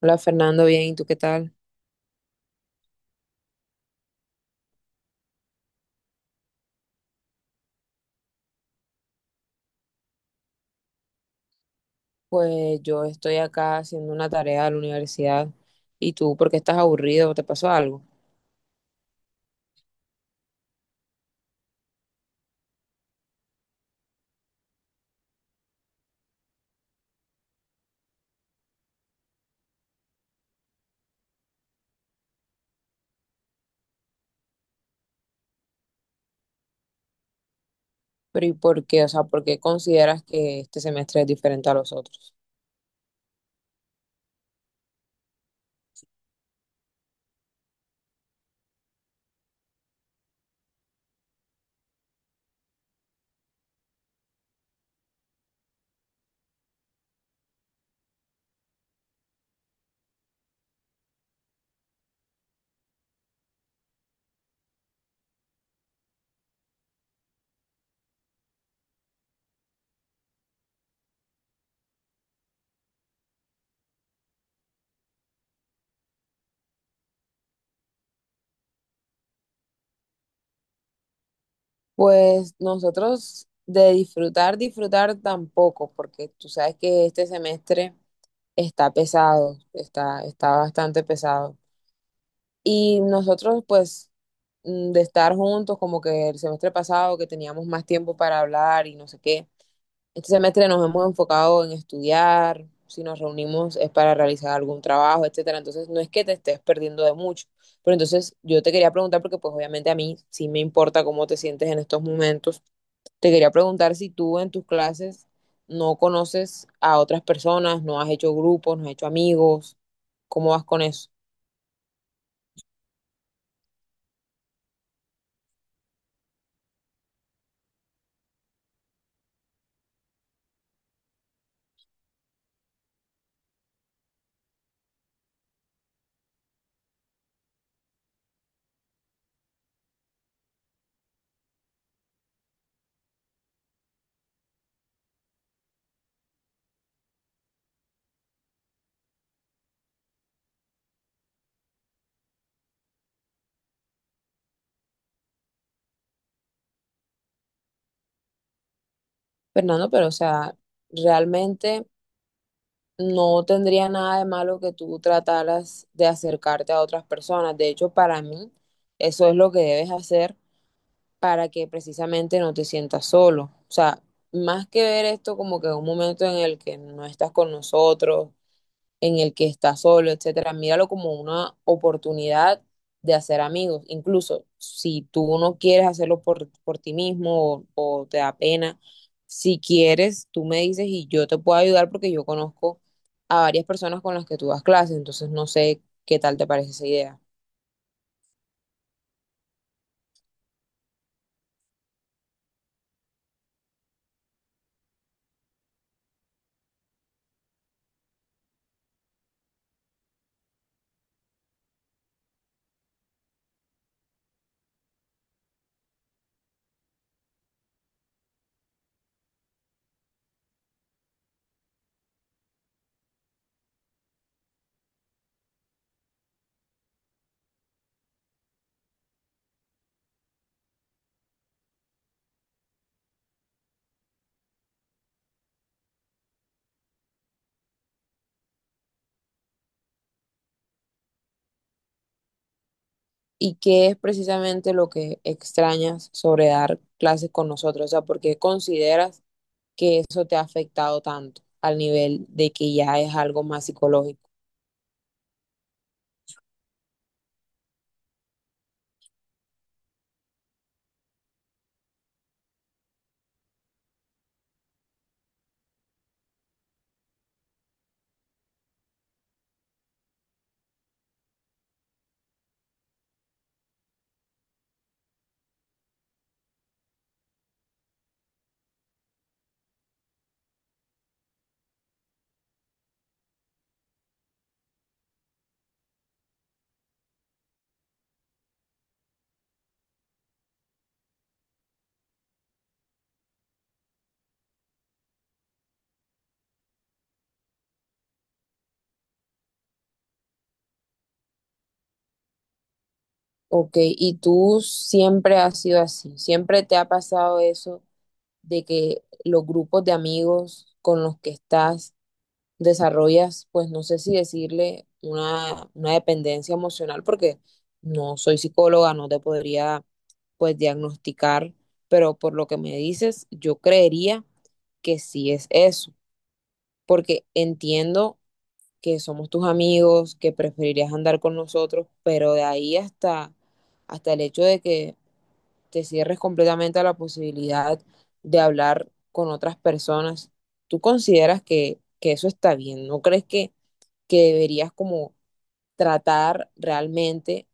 Hola Fernando, bien, ¿y tú qué tal? Pues yo estoy acá haciendo una tarea de la universidad. ¿Y tú por qué estás aburrido? ¿Te pasó algo? Pero ¿y por qué? O sea, ¿por qué consideras que este semestre es diferente a los otros? Pues nosotros de disfrutar, disfrutar tampoco, porque tú sabes que este semestre está pesado, está bastante pesado. Y nosotros pues de estar juntos, como que el semestre pasado que teníamos más tiempo para hablar y no sé qué. Este semestre nos hemos enfocado en estudiar, si nos reunimos es para realizar algún trabajo, etcétera. Entonces, no es que te estés perdiendo de mucho, pero entonces yo te quería preguntar, porque pues obviamente a mí sí me importa cómo te sientes en estos momentos, te quería preguntar si tú en tus clases no conoces a otras personas, no has hecho grupos, no has hecho amigos, ¿cómo vas con eso? Fernando, pero o sea, realmente no tendría nada de malo que tú trataras de acercarte a otras personas. De hecho, para mí, eso es lo que debes hacer para que precisamente no te sientas solo. O sea, más que ver esto como que un momento en el que no estás con nosotros, en el que está solo, etcétera, míralo como una oportunidad de hacer amigos. Incluso si tú no quieres hacerlo por ti mismo o te da pena, si quieres, tú me dices y yo te puedo ayudar porque yo conozco a varias personas con las que tú das clases, entonces no sé qué tal te parece esa idea. ¿Y qué es precisamente lo que extrañas sobre dar clases con nosotros? O sea, ¿por qué consideras que eso te ha afectado tanto al nivel de que ya es algo más psicológico? Ok, y tú siempre has sido así, siempre te ha pasado eso de que los grupos de amigos con los que estás desarrollas, pues no sé si decirle una dependencia emocional, porque no soy psicóloga, no te podría pues diagnosticar, pero por lo que me dices, yo creería que sí es eso, porque entiendo que somos tus amigos, que preferirías andar con nosotros, pero de ahí hasta, hasta el hecho de que te cierres completamente a la posibilidad de hablar con otras personas. ¿Tú consideras que eso está bien? ¿No crees que deberías como tratar realmente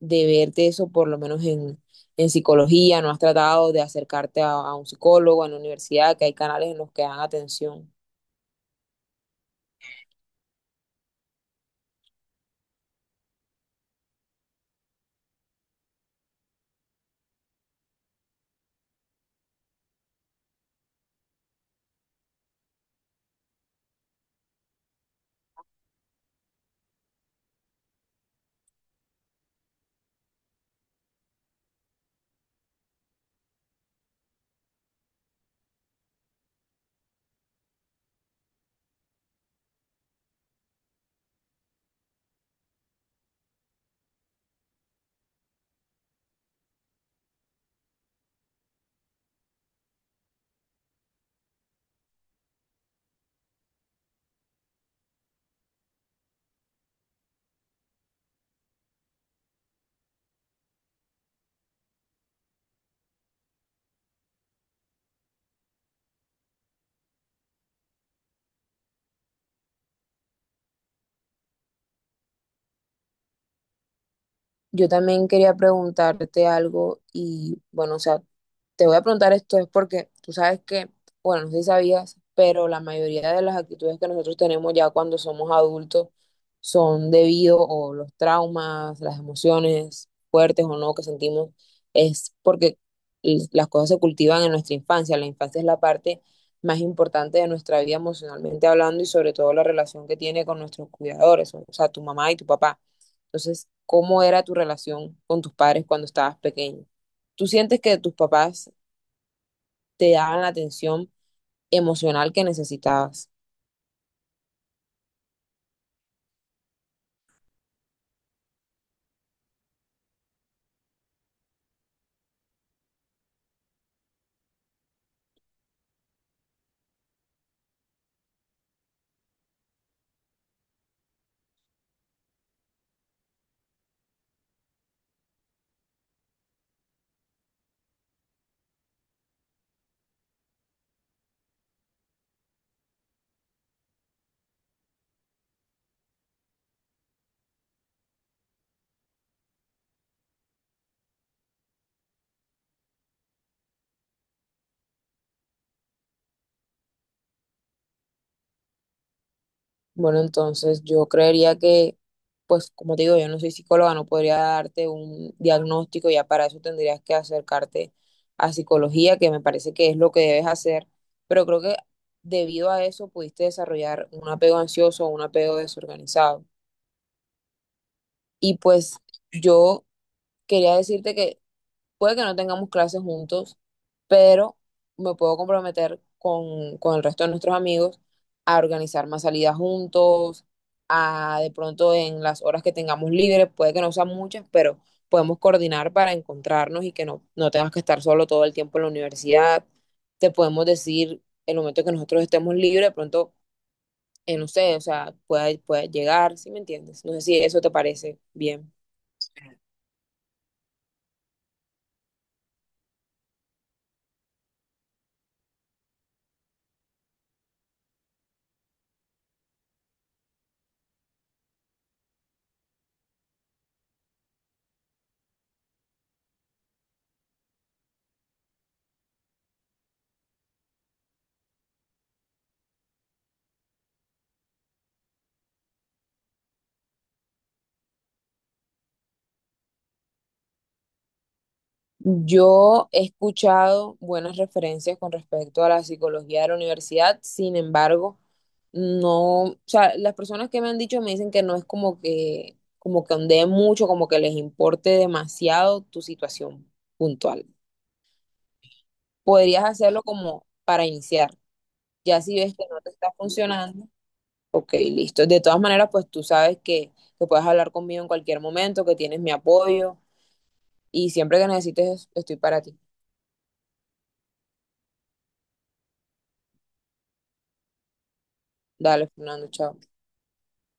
de verte eso, por lo menos en psicología? ¿No has tratado de acercarte a un psicólogo, en la universidad, que hay canales en los que dan atención? Yo también quería preguntarte algo y bueno, o sea, te voy a preguntar esto es porque tú sabes que, bueno, no sé si sabías, pero la mayoría de las actitudes que nosotros tenemos ya cuando somos adultos son debido o los traumas, las emociones fuertes o no que sentimos, es porque las cosas se cultivan en nuestra infancia. La infancia es la parte más importante de nuestra vida emocionalmente hablando y sobre todo la relación que tiene con nuestros cuidadores, o sea, tu mamá y tu papá. Entonces, ¿cómo era tu relación con tus padres cuando estabas pequeño? ¿Tú sientes que tus papás te daban la atención emocional que necesitabas? Bueno, entonces yo creería que, pues como te digo, yo no soy psicóloga, no podría darte un diagnóstico, ya para eso tendrías que acercarte a psicología, que me parece que es lo que debes hacer, pero creo que debido a eso pudiste desarrollar un apego ansioso o un apego desorganizado. Y pues yo quería decirte que puede que no tengamos clases juntos, pero me puedo comprometer con el resto de nuestros amigos a organizar más salidas juntos, a de pronto en las horas que tengamos libres, puede que no sean muchas, pero podemos coordinar para encontrarnos y que no, no tengas que estar solo todo el tiempo en la universidad. Te podemos decir el momento que nosotros estemos libres, de pronto, no sé, o sea, pueda llegar, ¿si me entiendes? No sé si eso te parece bien. Yo he escuchado buenas referencias con respecto a la psicología de la universidad, sin embargo, no, o sea, las personas que me han dicho me dicen que no es como que ondeen mucho, como que les importe demasiado tu situación puntual. Podrías hacerlo como para iniciar. Ya si ves que no te está funcionando, ok, listo. De todas maneras, pues tú sabes que puedes hablar conmigo en cualquier momento, que tienes mi apoyo y siempre que necesites, estoy para ti. Dale, Fernando, chao.